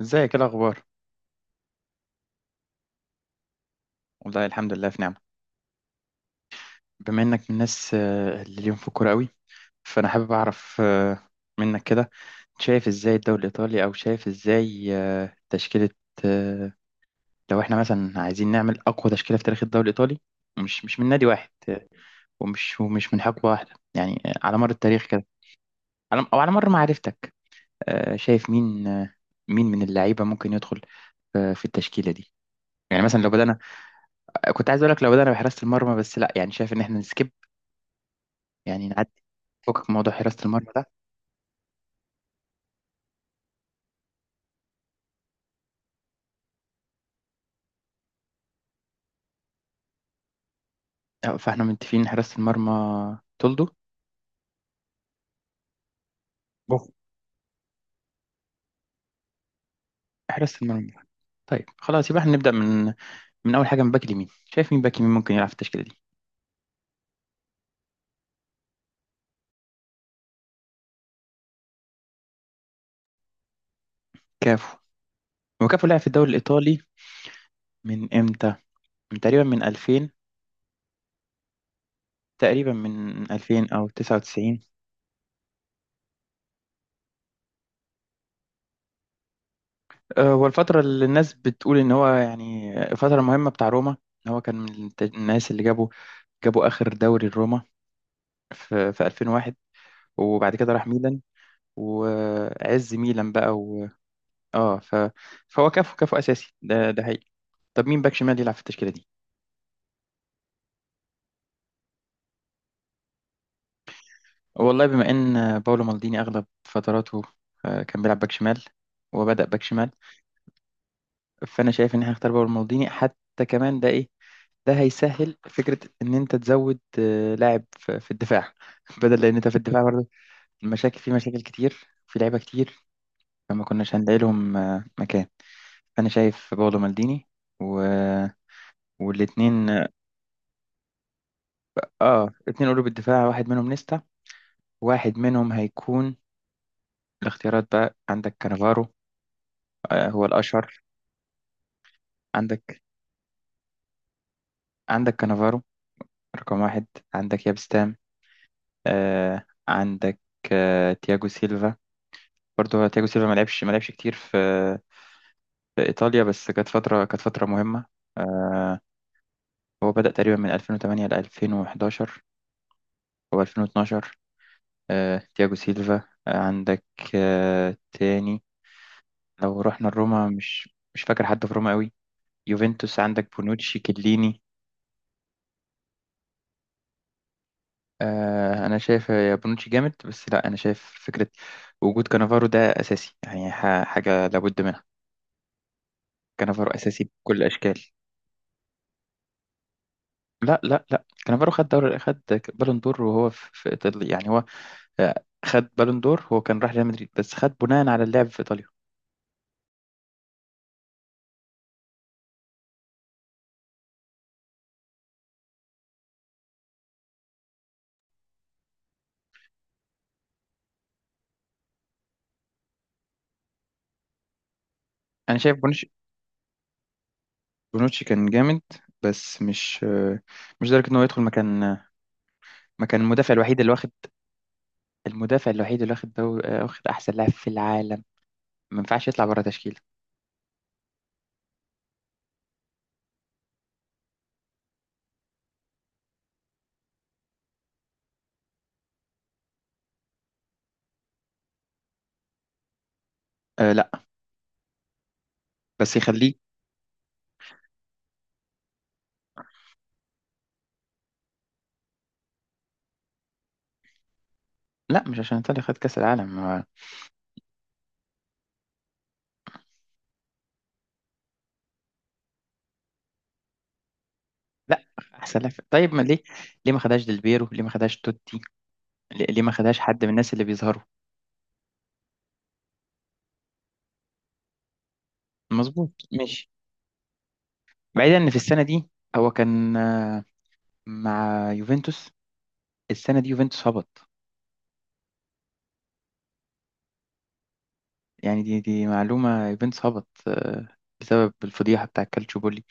ازيك ايه الاخبار. والله الحمد لله في نعمه. بما انك من الناس اللي ليهم في الكوره قوي، فانا حابب اعرف منك كده، شايف ازاي الدوري الايطالي، او شايف ازاي تشكيله. آه، لو احنا مثلا عايزين نعمل اقوى تشكيله في تاريخ الدوري الايطالي، مش من نادي واحد، ومش من حقبه واحده، يعني على مر التاريخ كده، على على مر معرفتك، شايف مين، مين من اللعيبه ممكن يدخل في التشكيله دي. يعني مثلا لو بدأنا، كنت عايز اقول لك لو بدأنا بحراسة المرمى، بس لا، يعني شايف ان احنا يعني نعدي، فكك من موضوع حراسة المرمى ده. أه، فاحنا متفقين إن حراسة المرمى تولدو، بوف. حراسة المرمى، طيب خلاص يبقى احنا نبدأ من أول حاجة من باك اليمين. شايف مين باك يمين ممكن يلعب في التشكيلة دي؟ كافو. هو كافو لعب في الدوري الإيطالي من إمتى؟ من تقريبا من 2000، تقريبا من 2000 أو 99. أه، هو الفترة اللي الناس بتقول إن هو يعني فترة مهمة بتاع روما، إن هو كان من الناس اللي جابوا آخر دوري لروما في في 2001، وبعد كده راح ميلان وعز ميلان بقى و... اه ف... فهو كفو اساسي، ده ده حقيقي. طب مين باك شمال يلعب في التشكيله دي؟ والله بما ان باولو مالديني اغلب فتراته كان بيلعب باك شمال، وبدأ باك شمال، فانا شايف ان احنا هنختار باولو مالديني. حتى كمان ده ايه، ده هيسهل فكره ان انت تزود لاعب في في الدفاع بدل لان انت في الدفاع برضه المشاكل، في مشاكل كتير، في لعيبه كتير، فما كناش هنلاقي لهم مكان. فانا شايف باولو مالديني و... والاتنين. اه اتنين قلوب الدفاع، واحد منهم نيستا، واحد منهم هيكون الاختيارات بقى. عندك كانافارو، آه هو الأشهر. عندك عندك كانافارو رقم واحد، عندك يابستام، آه عندك آه تياجو سيلفا. برضه هو تياجو سيلفا ما لعبش كتير في في إيطاليا، بس كانت فترة، كانت فترة مهمة. آه هو بدأ تقريبا من 2008 ل 2011 أو 2012. آه تياجو سيلفا، آه عندك آه تاني، لو رحنا لروما، مش فاكر حد في روما قوي. يوفنتوس عندك بونوتشي كليني. آه انا شايف يا بونوتشي جامد، بس لا انا شايف فكره وجود كانافارو ده اساسي، يعني حاجه لابد منها. كانافارو اساسي بكل الاشكال. لا، كانافارو خد دور، خد بالون دور وهو في في ايطاليا، يعني هو آه، خد بالون دور. هو كان راح ريال مدريد بس خد بناء على اللعب في ايطاليا. انا شايف بونوتشي، بونوتشي كان جامد بس مش مش لدرجه ان هو يدخل مكان، مكان المدافع الوحيد اللي واخد، المدافع الوحيد اللي واخد دور واخد احسن لاعب في العالم، ما ينفعش يطلع بره تشكيله. أه لا، بس يخليه. لا مش عشان ايطاليا خد كاس العالم. لا، احسن لها. طيب ما ليه، ليه ما خدهاش ديلبيرو، ليه ما خدهاش توتي، ليه ما خدهاش حد من الناس اللي بيظهروا؟ مظبوط ماشي. بعيدا ان في السنه دي هو كان مع يوفنتوس، السنه دي يوفنتوس هبط، يعني دي معلومه. يوفنتوس هبط بسبب الفضيحه بتاع كالتشوبولي.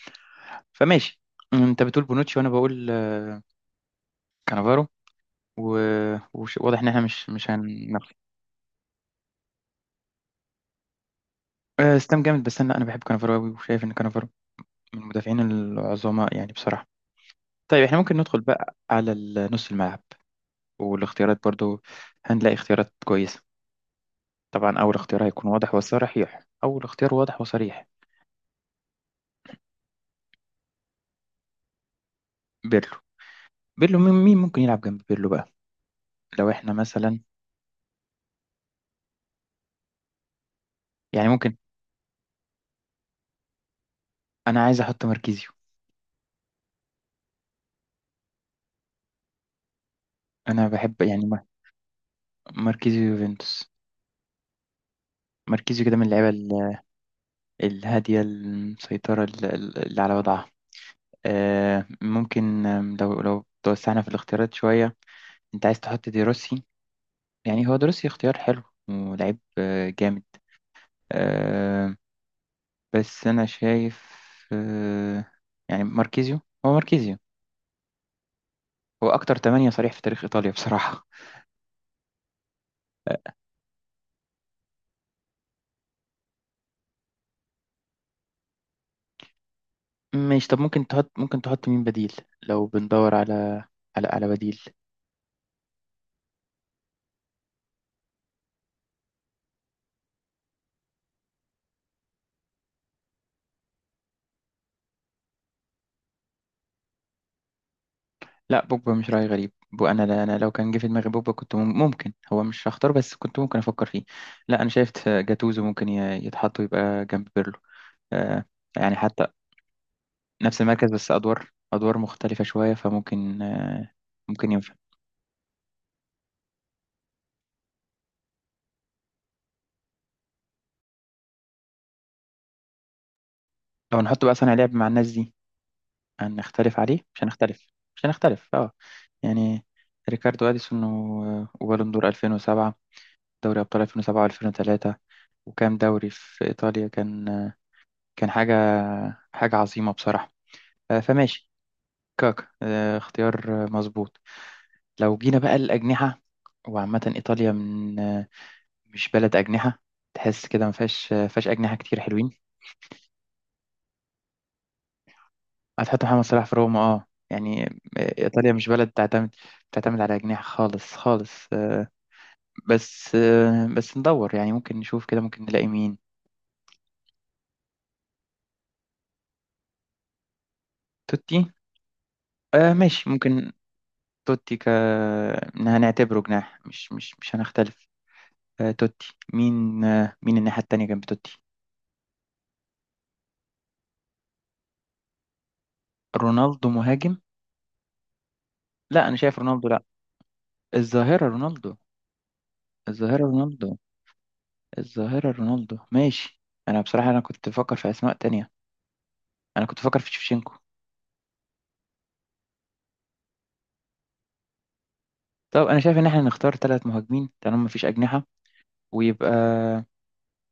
فماشي، انت بتقول بونوتشي وانا بقول كانافارو. واضح ان احنا مش هنختلف. آه، ستام جامد، بس انا بحب كانافارو قوي وشايف ان كانافارو من المدافعين العظماء يعني بصراحه. طيب احنا ممكن ندخل بقى على نص الملعب والاختيارات برضو. هنلاقي اختيارات كويسه. طبعا اول اختيار هيكون واضح وصريح، اول اختيار واضح وصريح، بيرلو. بيرلو، مين ممكن يلعب جنب بيرلو بقى؟ لو احنا مثلا يعني ممكن، انا عايز احط ماركيزيو. انا بحب يعني ماركيزيو يوفنتوس. ماركيزيو كده من اللعيبه الهاديه المسيطره، اللي على وضعها. آه، ممكن آم، لو لو توسعنا في الاختيارات شوية انت عايز تحط دي روسي، يعني هو دروسي اختيار حلو ولعيب جامد، آه، بس انا شايف آه، يعني ماركيزيو، هو ماركيزيو، هو اكتر تمانية صريح في تاريخ ايطاليا بصراحة. آه، ماشي. طب ممكن تحط، ممكن تحط مين بديل لو بندور على على بديل؟ لا بوجبا مش رأي غريب. انا لا، انا لو كان جه في دماغي بوجبا كنت ممكن هو مش هختار، بس كنت ممكن افكر فيه. لا انا شايف جاتوزو ممكن يتحط ويبقى جنب بيرلو. آه، يعني حتى نفس المركز بس ادوار، ادوار مختلفة شوية فممكن آه ممكن ينفع. لو نحط بقى صانع لعب مع الناس دي هنختلف عليه مش هنختلف، مش هنختلف اه، يعني ريكاردو اديسون وبالون دور 2007، دوري ابطال 2007 و2003، وكام دوري في ايطاليا، كان كان حاجة، حاجة عظيمة بصراحة. آه، فماشي. كاكا آه، اختيار آه، مظبوط. لو جينا بقى الأجنحة، وعامة إيطاليا من مش بلد أجنحة، تحس كده ما فيهاش فيهاش أجنحة كتير حلوين. هتحط محمد صلاح في روما اه يعني. آه، إيطاليا مش بلد تعتمد، تعتمد على أجنحة خالص خالص. بس آه، بس ندور يعني، ممكن نشوف كده، ممكن نلاقي مين. توتي، آه ماشي ممكن. توتي ك إن هنعتبره جناح مش هنختلف. آه، توتي، مين مين الناحية التانية جنب توتي. رونالدو مهاجم، لا أنا شايف رونالدو لا، الظاهرة رونالدو، الظاهرة رونالدو، الظاهرة رونالدو ماشي. أنا بصراحة، أنا كنت بفكر في أسماء تانية، أنا كنت بفكر في شيفشينكو. طب أنا شايف إن إحنا نختار ثلاث مهاجمين طالما مفيش أجنحة، ويبقى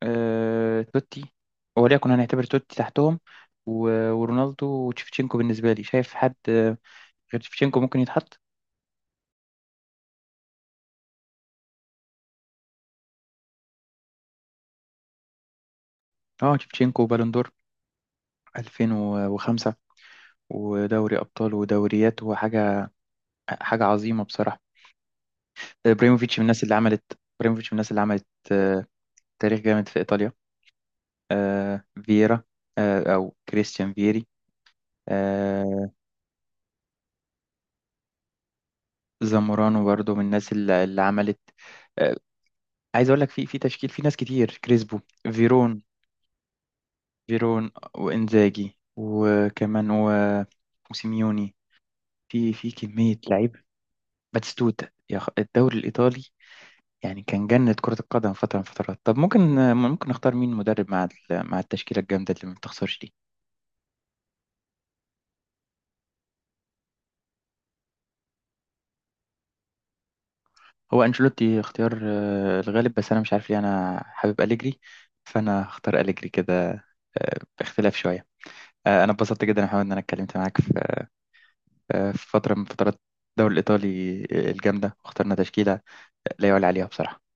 آه... توتي، وليكن هنعتبر توتي تحتهم، و... ورونالدو وتشيفتشينكو. بالنسبة لي شايف حد غير تشيفتشينكو ممكن يتحط؟ اه تشيفتشينكو وبالون دور 2005، ودوري ابطال ودوريات، هو حاجه، حاجه عظيمه بصراحه. آه، ابراهيموفيتش من الناس اللي عملت، ابراهيموفيتش من الناس اللي عملت آه، تاريخ جامد في ايطاليا. آه، فييرا، آه، او كريستيان فيري، آه، زامورانو برضو من الناس اللي عملت. آه، عايز اقول لك في في تشكيل، في ناس كتير، كريسبو، فيرون، فيرون وانزاجي وكمان وسيميوني. في في كميه لعيب. باتيستوتا، الدوري الايطالي يعني كان جنة كرة القدم، فترة من فترات. طب ممكن، ممكن نختار مين مدرب مع مع التشكيلة الجامدة اللي ما بتخسرش دي؟ هو أنشيلوتي اختيار الغالب، بس أنا مش عارف ليه أنا حابب أليجري، فأنا هختار أليجري كده باختلاف شوية. آه، أنا اتبسطت جدا يا محمد إن أنا اتكلمت معاك في في فترة من فترات الدوري الإيطالي الجامدة، واخترنا تشكيلة لا يعلى عليها بصراحة.